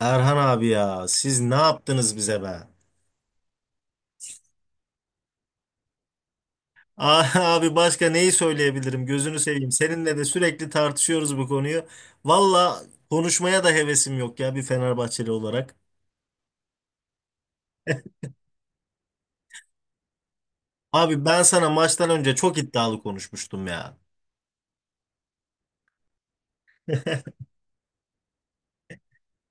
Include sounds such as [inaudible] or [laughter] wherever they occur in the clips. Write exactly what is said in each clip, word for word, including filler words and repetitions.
Erhan abi ya siz ne yaptınız bize be? [laughs] Ah, abi başka neyi söyleyebilirim gözünü seveyim. Seninle de sürekli tartışıyoruz bu konuyu. Valla konuşmaya da hevesim yok ya bir Fenerbahçeli olarak. Abi ben sana maçtan önce çok iddialı konuşmuştum ya.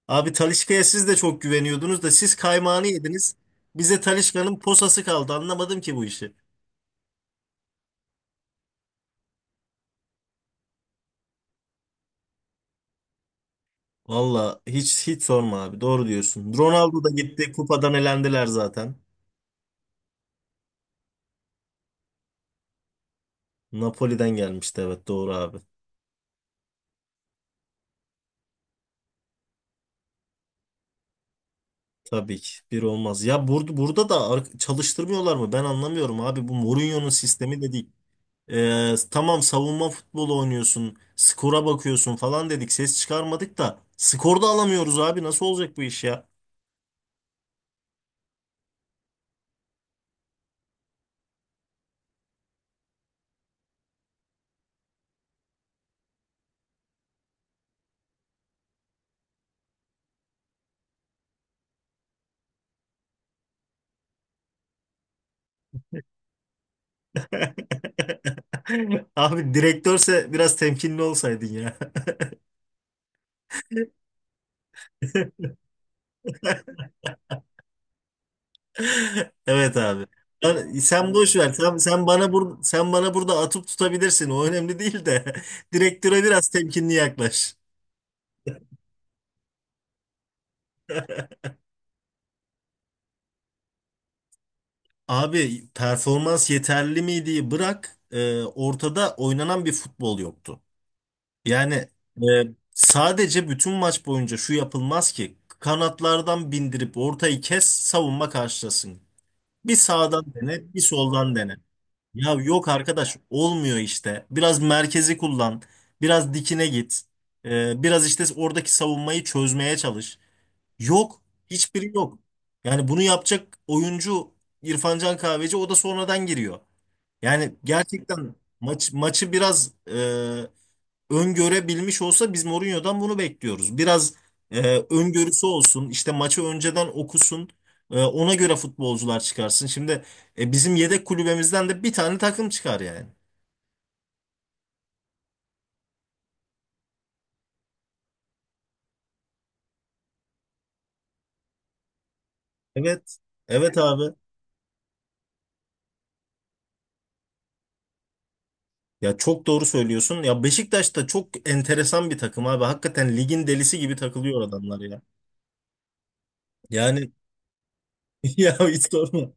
Abi Talisca'ya siz de çok güveniyordunuz da siz kaymağını yediniz. Bize Talisca'nın posası kaldı, anlamadım ki bu işi. Valla hiç hiç sorma abi, doğru diyorsun. Ronaldo da gitti, kupadan elendiler zaten. Napoli'den gelmişti, evet doğru abi. Tabii ki bir olmaz. Ya burada burada da ar- çalıştırmıyorlar mı? Ben anlamıyorum abi. Bu Mourinho'nun sistemi de değil. Ee, tamam, savunma futbolu oynuyorsun, skora bakıyorsun falan dedik. Ses çıkarmadık da skor da alamıyoruz abi. Nasıl olacak bu iş ya? [laughs] Abi direktörse biraz temkinli olsaydın ya. [laughs] Evet abi. Ben- sen boş ver. Sen, sen bana bur sen bana burada atıp tutabilirsin. O önemli değil de [laughs] direktöre biraz temkinli yaklaş. Abi performans yeterli miydi, bırak e, ortada oynanan bir futbol yoktu. Yani e, sadece bütün maç boyunca şu yapılmaz ki: kanatlardan bindirip ortayı kes, savunma karşılasın. Bir sağdan dene bir soldan dene. Ya yok arkadaş, olmuyor işte. Biraz merkezi kullan, biraz dikine git. E, biraz işte oradaki savunmayı çözmeye çalış. Yok. Hiçbiri yok. Yani bunu yapacak oyuncu İrfan Can Kahveci, o da sonradan giriyor. Yani gerçekten maç, maçı biraz e, öngörebilmiş olsa, biz Mourinho'dan bunu bekliyoruz. Biraz e, öngörüsü olsun, işte maçı önceden okusun, e, ona göre futbolcular çıkarsın. Şimdi e, bizim yedek kulübemizden de bir tane takım çıkar yani. Evet, evet abi. Ya çok doğru söylüyorsun. Ya Beşiktaş da çok enteresan bir takım abi. Hakikaten ligin delisi gibi takılıyor adamlar ya. Yani [laughs] ya hiç sorma.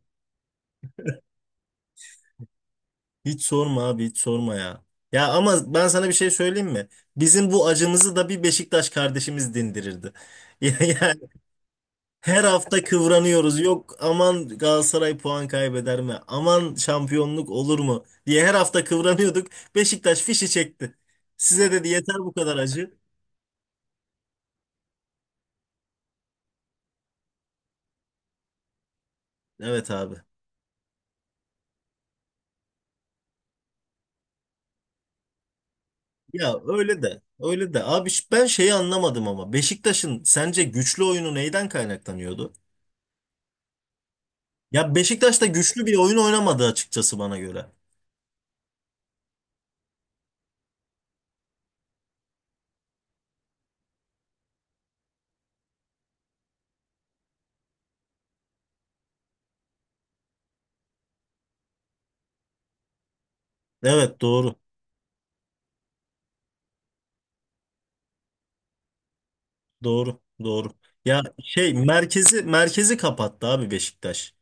Hiç sorma abi, hiç sorma ya. Ya ama ben sana bir şey söyleyeyim mi? Bizim bu acımızı da bir Beşiktaş kardeşimiz dindirirdi. [laughs] Ya- Yani her hafta kıvranıyoruz. Yok aman, Galatasaray puan kaybeder mi? Aman şampiyonluk olur mu diye her hafta kıvranıyorduk. Beşiktaş fişi çekti. Size dedi yeter bu kadar acı. Evet abi. Ya öyle de öyle de abi, ş- ben şeyi anlamadım ama Beşiktaş'ın sence güçlü oyunu neyden kaynaklanıyordu? Ya Beşiktaş da güçlü bir oyun oynamadı açıkçası bana göre. Evet doğru. Doğru. Doğru. Ya şey, merkezi merkezi kapattı abi Beşiktaş.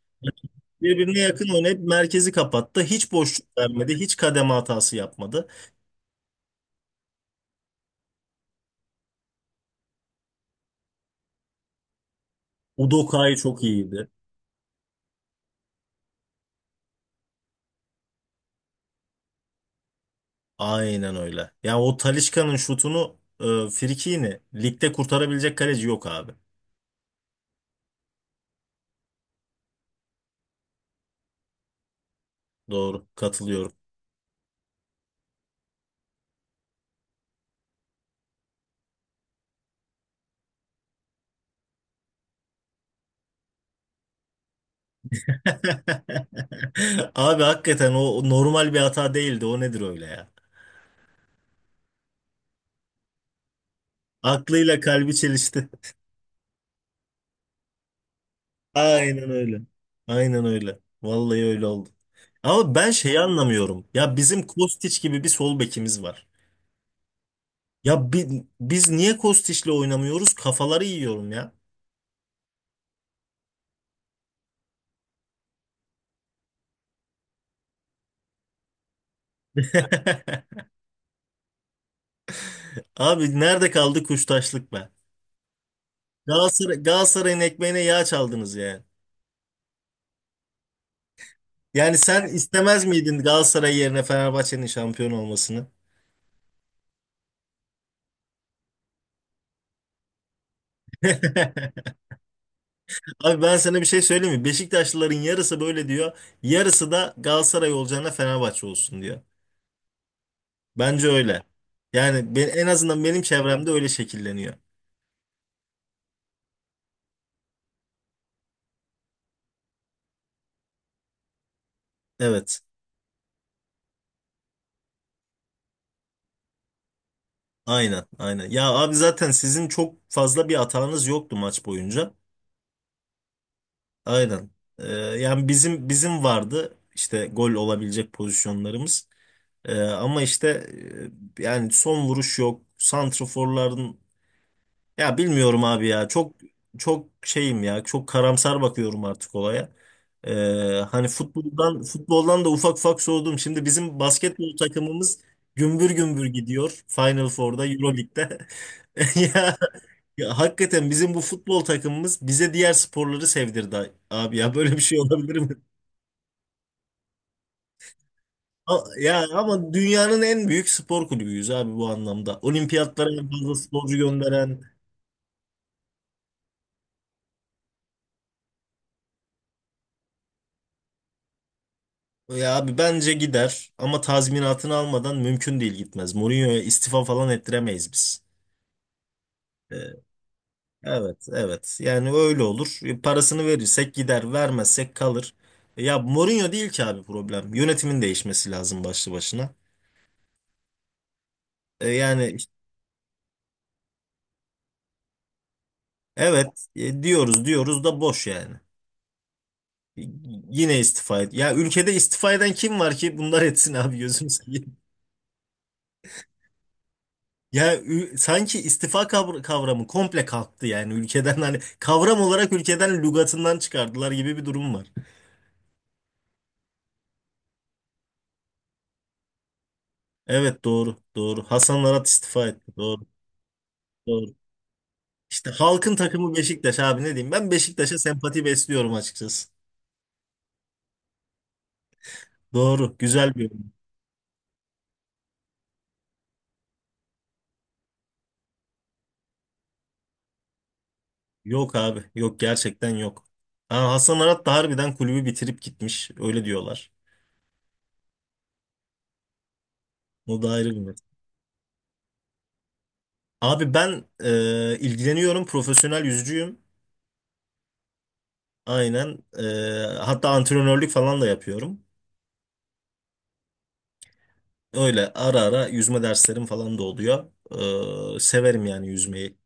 Birbirine yakın oynayıp merkezi kapattı. Hiç boşluk vermedi. Hiç kademe hatası yapmadı. Udokay çok iyiydi. Aynen öyle. Ya o Talisca'nın şutunu e, frikini ligde kurtarabilecek kaleci yok abi. Doğru. Katılıyorum. [laughs] Abi hakikaten o normal bir hata değildi. O nedir öyle ya? Aklıyla kalbi çelişti. Aynen öyle. Aynen öyle. Vallahi öyle oldu. Ama ben şeyi anlamıyorum. Ya bizim Kostić gibi bir sol bekimiz var. Ya bi- biz niye Kostić'le oynamıyoruz? Kafaları yiyorum ya. [laughs] Abi nerede kaldı kuştaşlık be? Galatasaray, Galatasaray'ın ekmeğine yağ çaldınız yani. Yani sen istemez miydin Galatasaray yerine Fenerbahçe'nin şampiyon olmasını? [laughs] Abi ben sana bir şey söyleyeyim mi? Beşiktaşlıların yarısı böyle diyor. Yarısı da Galatasaray olacağına Fenerbahçe olsun diyor. Bence öyle. Yani ben, en azından benim çevremde öyle şekilleniyor. Evet. Aynen, aynen. Ya abi zaten sizin çok fazla bir hatanız yoktu maç boyunca. Aynen. Ee, yani bizim bizim vardı işte gol olabilecek pozisyonlarımız. Ee, ama işte e, yani son vuruş yok. Santraforların... Ya bilmiyorum abi ya. Çok çok şeyim ya. Çok karamsar bakıyorum artık olaya. Ee, hani futboldan futboldan da ufak ufak soğudum. Şimdi bizim basketbol takımımız gümbür gümbür gidiyor Final Four'da, EuroLeague'de. [laughs] Ya, ya hakikaten bizim bu futbol takımımız bize diğer sporları sevdirdi abi ya. Böyle bir şey olabilir mi? A- Ya ama dünyanın en büyük spor kulübüyüz abi bu anlamda. Olimpiyatlara en fazla sporcu gönderen... Ya abi bence gider ama tazminatını almadan mümkün değil, gitmez. Mourinho'ya istifa falan ettiremeyiz biz. Ee, evet evet, yani öyle olur. E, Parasını verirsek gider, vermezsek kalır. E, Ya Mourinho değil ki abi problem. Yönetimin değişmesi lazım başlı başına. E, yani işte, evet e, diyoruz diyoruz da boş yani. Y- Yine istifa et. Ya ülkede istifa eden kim var ki bunlar etsin abi, gözümüz... Ya ü- sanki istifa kavr- kavramı komple kalktı yani ülkeden, hani kavram olarak ülkeden lügatından çıkardılar gibi bir durum var. Evet doğru doğru. Hasan Arat istifa etti. Doğru doğru. İşte halkın takımı Beşiktaş abi, ne diyeyim? Ben Beşiktaş'a sempati besliyorum açıkçası. Doğru, güzel bir yorum. Yok abi yok, gerçekten yok. Ha, Hasan Arat da harbiden kulübü bitirip gitmiş öyle diyorlar. O da ayrı bir mesele. Abi ben e, ilgileniyorum, profesyonel yüzücüyüm. Aynen. Ee, hatta antrenörlük falan da yapıyorum. Öyle ara ara yüzme derslerim falan da oluyor. Ee, severim yani yüzmeyi.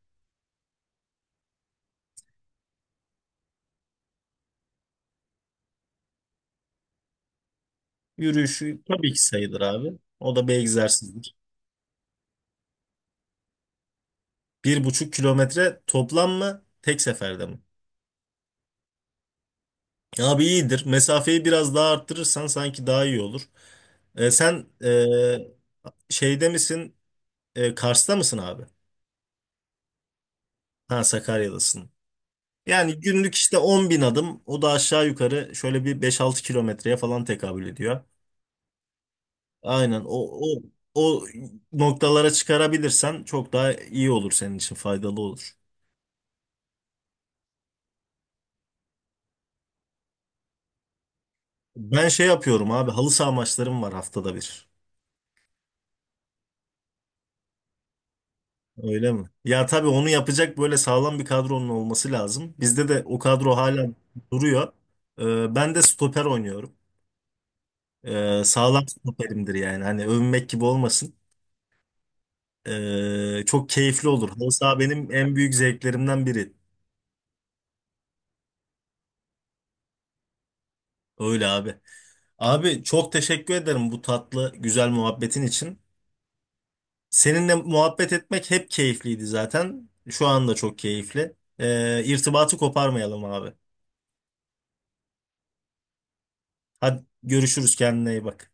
Yürüyüşü tabii ki sayılır abi. O da bir egzersizdir. Bir buçuk kilometre toplam mı? Tek seferde mi? Abi iyidir. Mesafeyi biraz daha arttırırsan sanki daha iyi olur. Ee, sen ee, şeyde misin? Ee, Kars'ta mısın abi? Ha, Sakarya'dasın. Yani günlük işte on bin adım, o da aşağı yukarı şöyle bir beş altı kilometreye falan tekabül ediyor. Aynen, o, o, o noktalara çıkarabilirsen çok daha iyi olur, senin için faydalı olur. Ben şey yapıyorum abi, halı saha maçlarım var haftada bir. Öyle mi? Ya tabii onu yapacak böyle sağlam bir kadronun olması lazım. Bizde de o kadro hala duruyor. Ee, ben de stoper oynuyorum. Ee, sağlam stoperimdir yani. Hani övünmek gibi olmasın. Ee, çok keyifli olur. Halı saha benim en büyük zevklerimden biri. Öyle abi. Abi çok teşekkür ederim bu tatlı, güzel muhabbetin için. Seninle muhabbet etmek hep keyifliydi zaten. Şu anda çok keyifli. Ee, irtibatı koparmayalım abi. Hadi görüşürüz, kendine iyi bak.